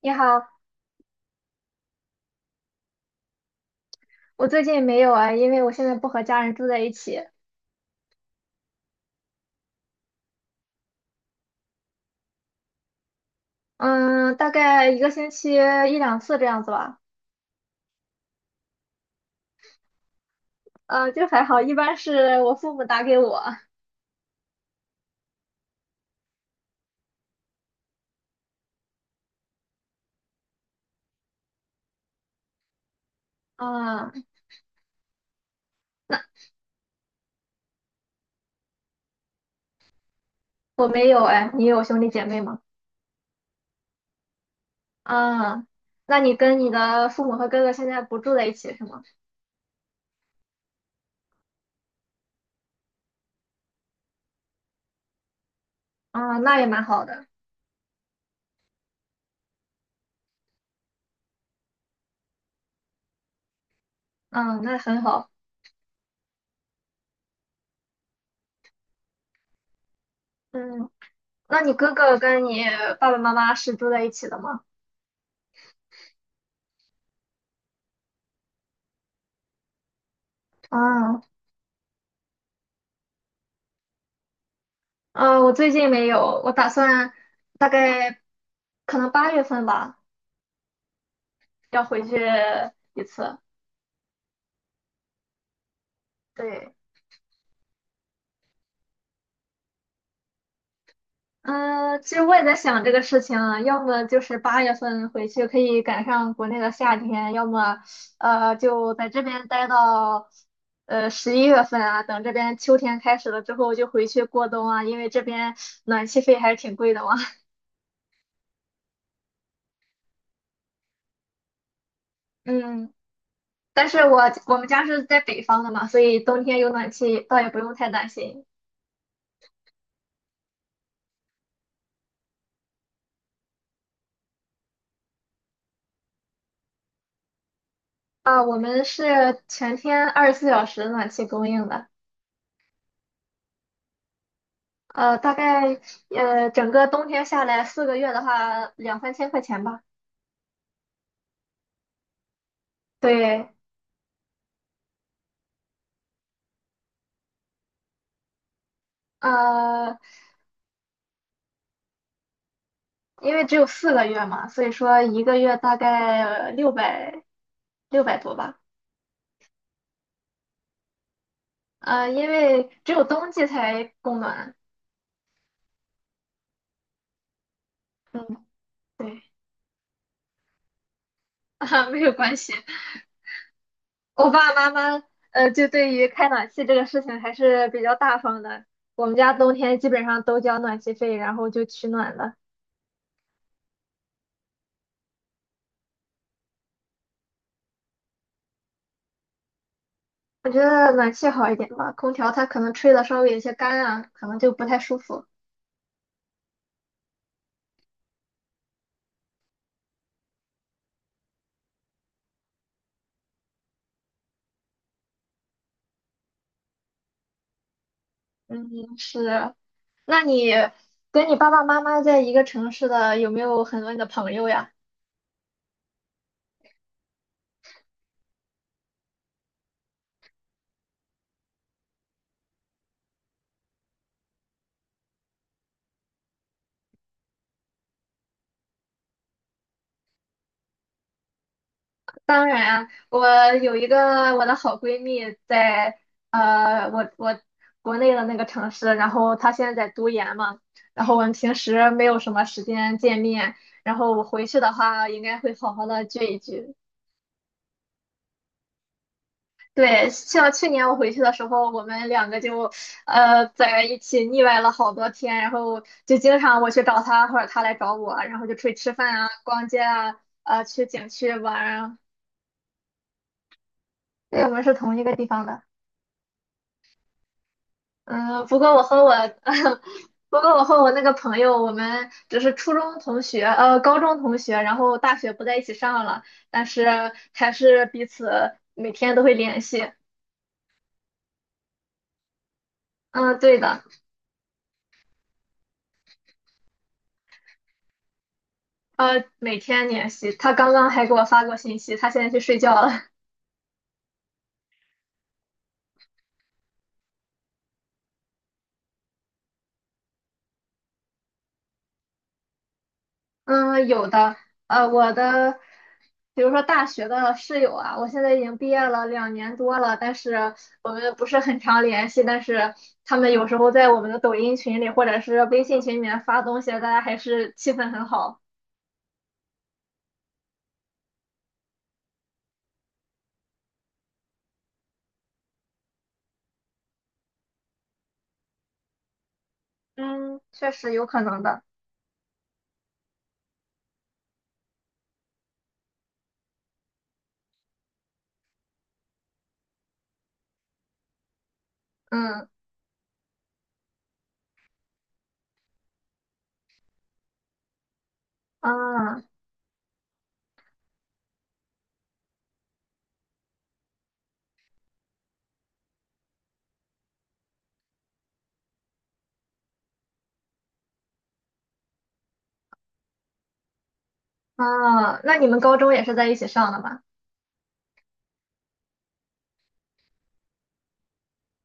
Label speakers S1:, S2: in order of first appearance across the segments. S1: 你好。我最近没有啊，因为我现在不和家人住在一起。嗯，大概一个星期一两次这样子吧。就还好，一般是我父母打给我。啊，那我没有哎，你有兄弟姐妹吗？啊，那你跟你的父母和哥哥现在不住在一起是吗？啊，那也蛮好的。嗯，那很好。嗯，那你哥哥跟你爸爸妈妈是住在一起的吗？啊。嗯，我最近没有，我打算大概可能八月份吧。要回去一次。对。嗯，其实我也在想这个事情啊，要么就是八月份回去可以赶上国内的夏天，要么就在这边待到十一月份啊，等这边秋天开始了之后就回去过冬啊，因为这边暖气费还是挺贵的嘛。嗯，但是我们家是在北方的嘛，所以冬天有暖气倒也不用太担心。啊，我们是全天二十四小时暖气供应的。大概整个冬天下来四个月的话，两三千块钱吧。对。呃，因为只有四个月嘛，所以说一个月大概六百多吧。因为只有冬季才供暖。嗯。对。啊，没有关系。我爸爸妈妈就对于开暖气这个事情还是比较大方的。我们家冬天基本上都交暖气费，然后就取暖了。我觉得暖气好一点吧，空调它可能吹的稍微有些干啊，可能就不太舒服。嗯，是。那你跟你爸爸妈妈在一个城市的，有没有很多你的朋友呀？当然啊，我有一个我的好闺蜜在呃，我我国内的那个城市，然后她现在在读研嘛，然后我们平时没有什么时间见面，然后我回去的话应该会好好的聚一聚。对，像去年我回去的时候，我们两个就在一起腻歪了好多天，然后就经常我去找他或者他来找我，然后就出去吃饭啊、逛街啊、去景区玩啊。对，我们是同一个地方的。嗯，不过我和我，不过我和我那个朋友，我们只是初中同学，呃，高中同学，然后大学不在一起上了，但是还是彼此每天都会联系。嗯，对的。每天联系。他刚刚还给我发过信息，他现在去睡觉了。嗯，有的。呃，我的，比如说大学的室友啊，我现在已经毕业了两年多了，但是我们不是很常联系，但是他们有时候在我们的抖音群里或者是微信群里面发东西，大家还是气氛很好。嗯，确实有可能的。嗯，啊啊，那你们高中也是在一起上的吧？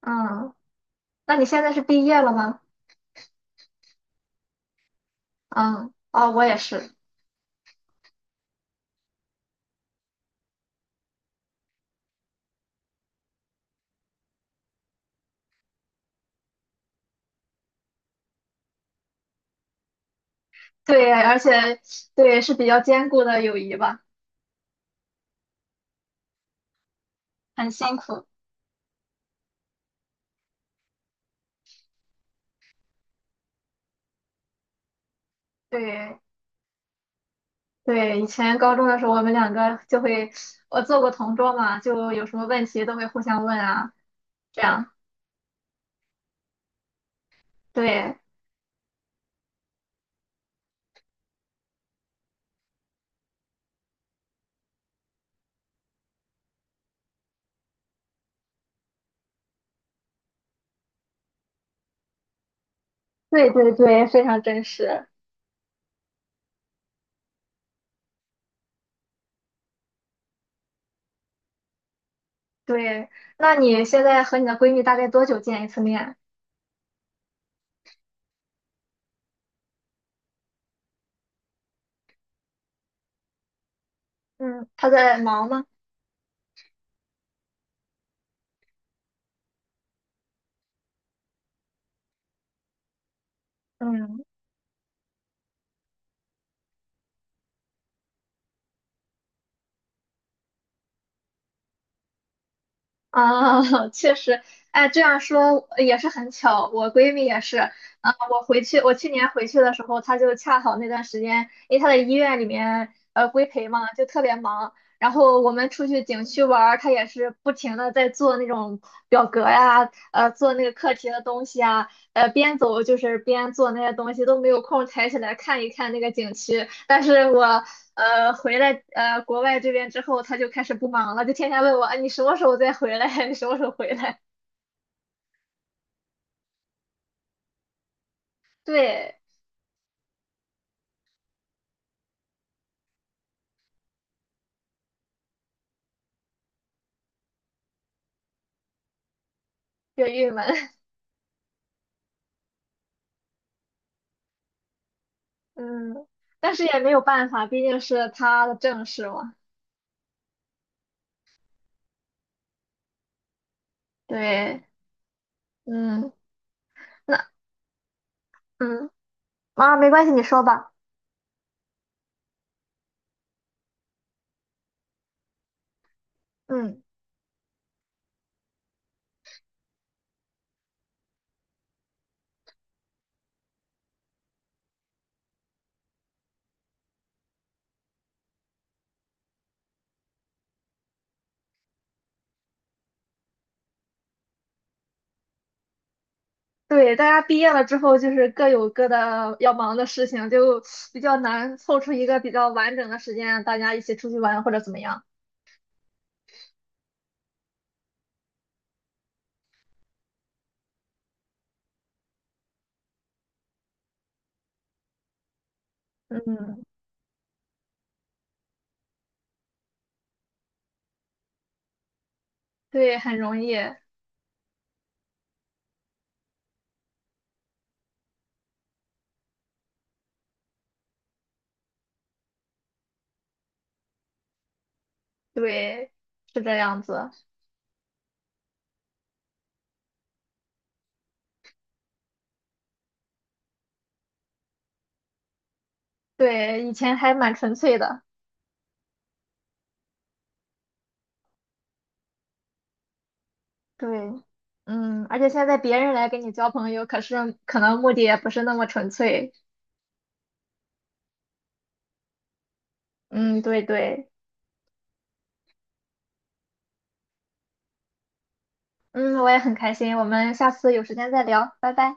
S1: 嗯，那你现在是毕业了吗？嗯，哦，我也是。对，而且对是比较坚固的友谊吧。很辛苦。对对，以前高中的时候，我们两个就会，我做过同桌嘛，就有什么问题都会互相问啊，这样。对对，非常真实。对，那你现在和你的闺蜜大概多久见一次面？嗯，她在忙吗？嗯。啊，确实。哎，这样说也是很巧。我闺蜜也是，啊，我去年回去的时候，她就恰好那段时间，因为她在医院里面规培嘛，就特别忙。然后我们出去景区玩儿，她也是不停的在做那种表格呀，做那个课题的东西啊，边走就是边做那些东西，都没有空抬起来看一看那个景区。但是我回来国外这边之后，他就开始不忙了，就天天问我，啊，你什么时候再回来？你什么时候回来？对，有点郁闷。嗯，但是也没有办法，毕竟是他的正事嘛。对。嗯，那嗯啊，没关系，你说吧。嗯，对，大家毕业了之后，就是各有各的要忙的事情，就比较难凑出一个比较完整的时间，大家一起出去玩或者怎么样。嗯。对，很容易。对，是这样子。对，以前还蛮纯粹的。对。嗯，而且现在别人来跟你交朋友，可是可能目的也不是那么纯粹。嗯，对对。嗯，我也很开心，我们下次有时间再聊，拜拜。